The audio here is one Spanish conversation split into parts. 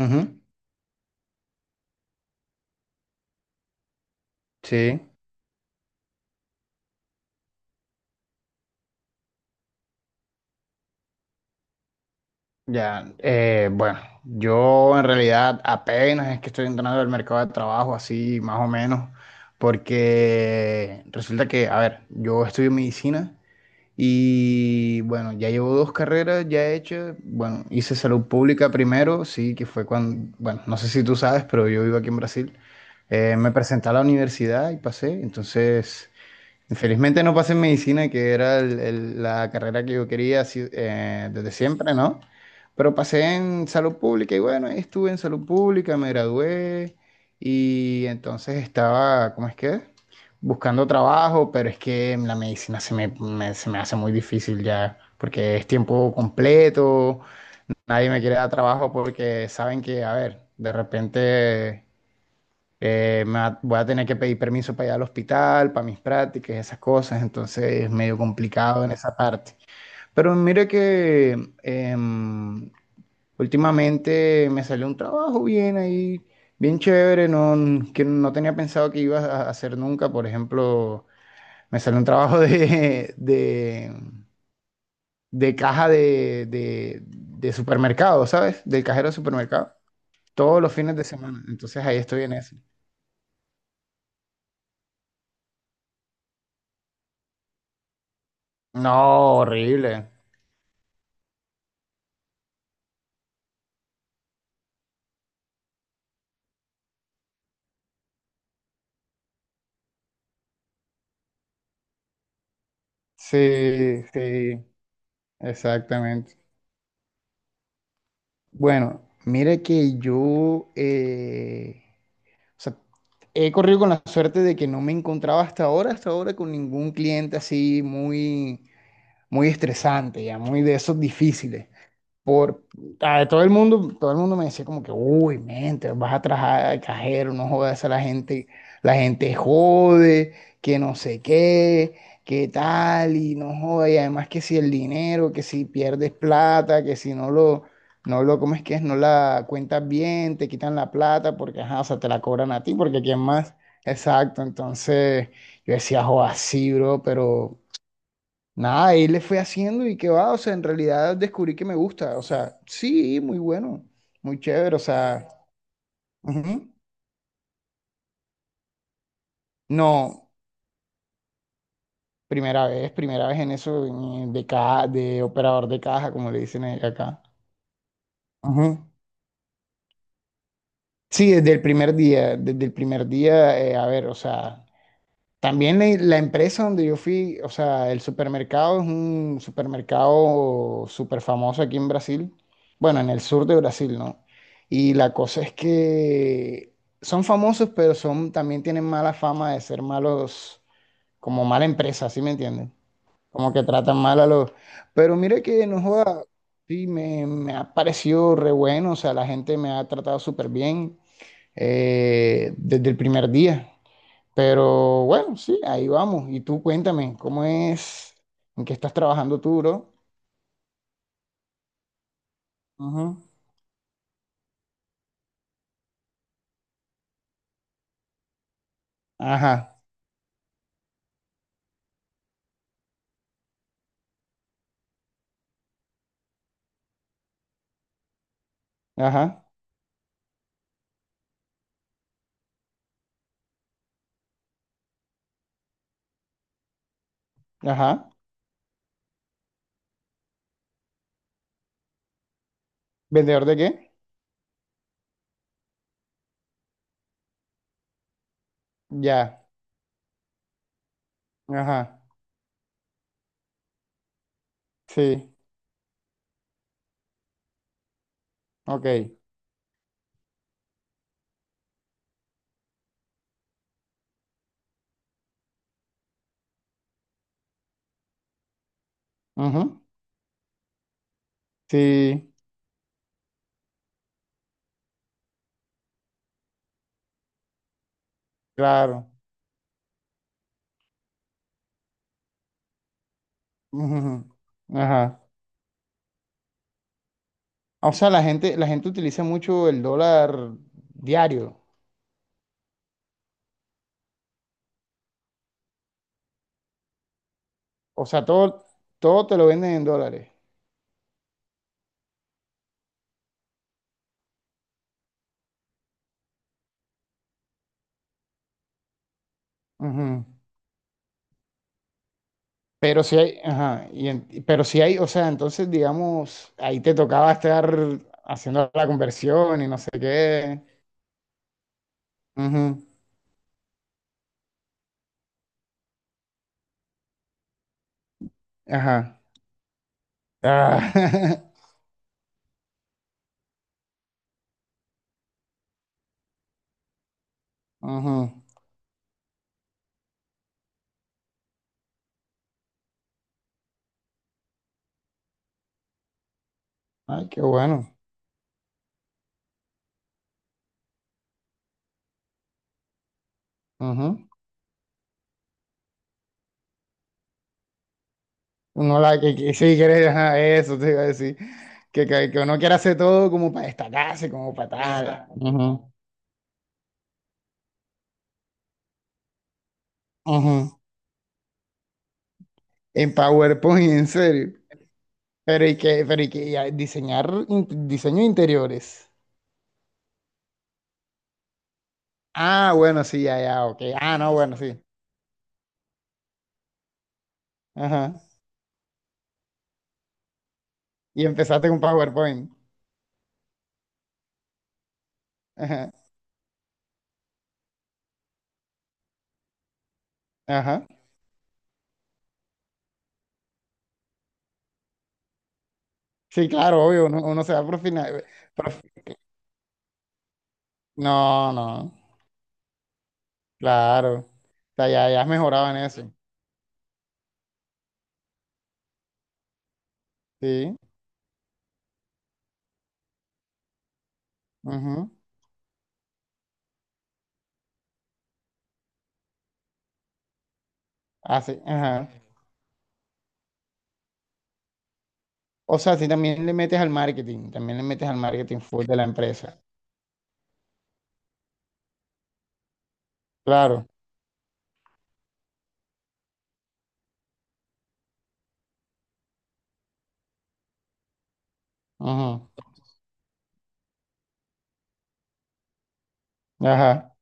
Ujú, sí, ya. Bueno, yo en realidad apenas es que estoy entrando al mercado de trabajo, así más o menos, porque resulta que, a ver, yo estudio medicina y bueno, ya llevo dos carreras ya hechas. Bueno, hice salud pública primero, sí, que fue cuando, bueno, no sé si tú sabes, pero yo vivo aquí en Brasil. Me presenté a la universidad y pasé, entonces. Felizmente no pasé en medicina, que era la carrera que yo quería así, desde siempre, ¿no? Pero pasé en salud pública y bueno, ahí estuve en salud pública, me gradué y entonces estaba, ¿cómo es que? Buscando trabajo, pero es que en la medicina se me hace muy difícil ya, porque es tiempo completo, nadie me quiere dar trabajo porque saben que, a ver, de repente. Voy a tener que pedir permiso para ir al hospital, para mis prácticas, esas cosas, entonces es medio complicado en esa parte. Pero mire que em, últimamente me salió un trabajo bien ahí, bien chévere, no, que no tenía pensado que iba a hacer nunca. Por ejemplo, me salió un trabajo de caja de supermercado, ¿sabes? Del cajero de supermercado, todos los fines de semana. Entonces ahí estoy en eso. No, horrible. Sí, sí, exactamente. Bueno, mira que yo o sea, he corrido con la suerte de que no me encontraba hasta ahora con ningún cliente así muy, muy estresante, ya muy de esos difíciles. Por, todo el mundo me decía como que, uy, mente, vas a trabajar al cajero, no jodas a la gente jode, que no sé qué, qué tal, y no jodas, y además que si el dinero, que si pierdes plata, que si no lo, no lo, ¿cómo es que es? No la cuentas bien, te quitan la plata, porque, ajá, o sea, te la cobran a ti, porque quién más, exacto, entonces yo decía, joda, sí, bro, pero nada, ahí le fui haciendo y que va, o sea, en realidad descubrí que me gusta, o sea, sí, muy bueno, muy chévere, o sea, ujú. No, primera vez en eso de operador de caja, como le dicen acá. Ujú. Sí, desde el primer día, desde el primer día, a ver, o sea, también la empresa donde yo fui, o sea, el supermercado es un supermercado súper famoso aquí en Brasil, bueno, en el sur de Brasil, ¿no? Y la cosa es que son famosos, pero son, también tienen mala fama de ser malos, como mala empresa, ¿sí me entienden? Como que tratan mal a los. Pero mire que no joda, sí, me ha parecido re bueno, o sea, la gente me ha tratado súper bien desde el primer día. Pero bueno, sí, ahí vamos. Y tú cuéntame, ¿cómo es? ¿En qué estás trabajando tú, bro? Ujú. Ajá, ajá, ajá. ¿Vendedor de qué? Ya, ajá, sí, ok. Ujú, sí, claro. Ujú, ajá. O sea, la gente utiliza mucho el dólar diario. O sea, todo, todo te lo venden en dólares. Ujú. Pero si hay, o sea, entonces, digamos, ahí te tocaba estar haciendo la conversión y no sé qué. Ujú, ajá. Ah, ujú. Ay, qué bueno. Ujú. Uno la que sí quiere, ajá, eso te iba a decir. Que uno quiere hacer todo como para destacarse, como para tal. Exacto. Ujú, ujú. En PowerPoint, en serio. Pero y que ya, diseño de interiores. Ah, bueno, sí, ya, ya, ok. Ah, no, bueno, sí. Ajá. Y empezaste con PowerPoint. Ajá. Ajá. Sí, claro, obvio, uno, uno se va profinar. No, no, claro. O sea, ya, ya has mejorado en eso. Sí. Ujú. Ah, sí, ajá. O sea, si también le metes al marketing, también le metes al marketing full de la empresa. Claro. Ujú. Ajá,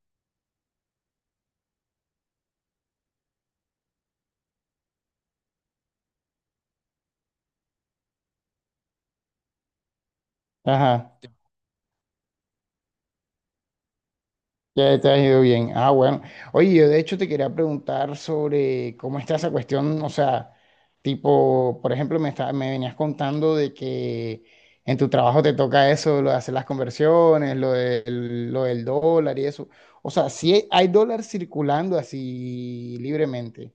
ajá. Ya te ha ido bien. Ah, bueno. Oye, yo de hecho te quería preguntar sobre cómo está esa cuestión, o sea, tipo, por ejemplo, me venías contando de que en tu trabajo te toca eso, lo de hacer las conversiones, lo del dólar y eso. O sea, si hay, hay dólar circulando así libremente.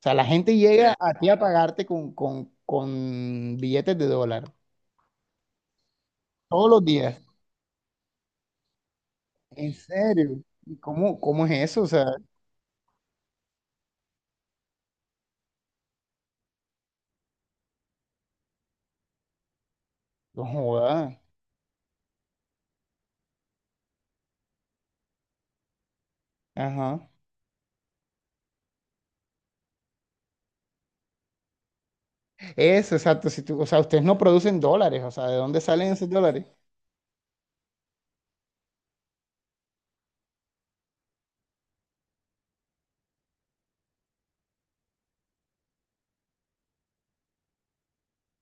O sea, la gente llega, sí, a ti a pagarte con billetes de dólar todos los días. ¿En serio? ¿Y cómo, cómo es eso? O sea, no joda. Ajá. Eso, exacto. Si tú, o sea, ustedes no producen dólares, o sea, ¿de dónde salen esos dólares?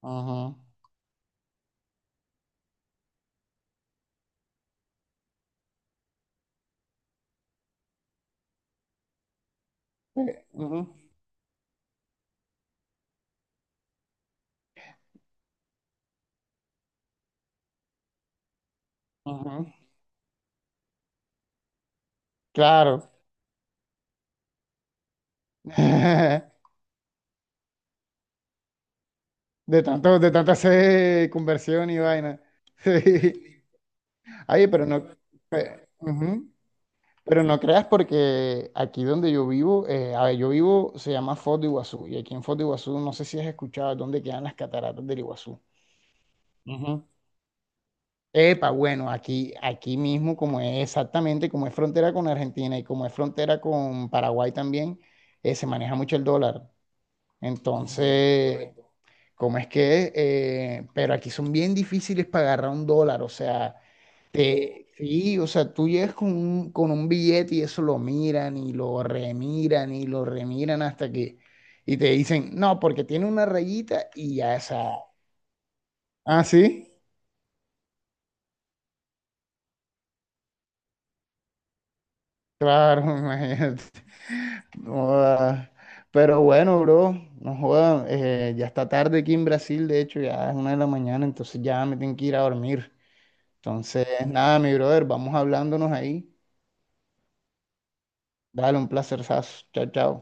Ajá. Ujú, ujú. Claro. De tanto, de tanta hacer conversión y vaina. Sí. Oye, ujú. Pero no creas porque aquí donde yo vivo, a ver, yo vivo, se llama Foz de Iguazú, y aquí en Foz de Iguazú, no sé si has escuchado dónde quedan las cataratas del Iguazú. Ujú. Epa, bueno, aquí, aquí mismo, como es exactamente, como es frontera con Argentina y como es frontera con Paraguay también, se maneja mucho el dólar. Entonces, correcto. ¿Cómo es que? Pero aquí son bien difíciles para agarrar un dólar, o sea, sí, o sea, tú llegas con un billete y eso lo miran y lo remiran hasta que, y te dicen, no, porque tiene una rayita y ya, o sea, ah, sí. Claro, imagínate. No joda. Pero bueno, bro, no joda, ya está tarde aquí en Brasil, de hecho, ya es 1 de la mañana, entonces ya me tengo que ir a dormir. Entonces, nada, mi brother, vamos hablándonos ahí. Dale, un placer, chao, chao.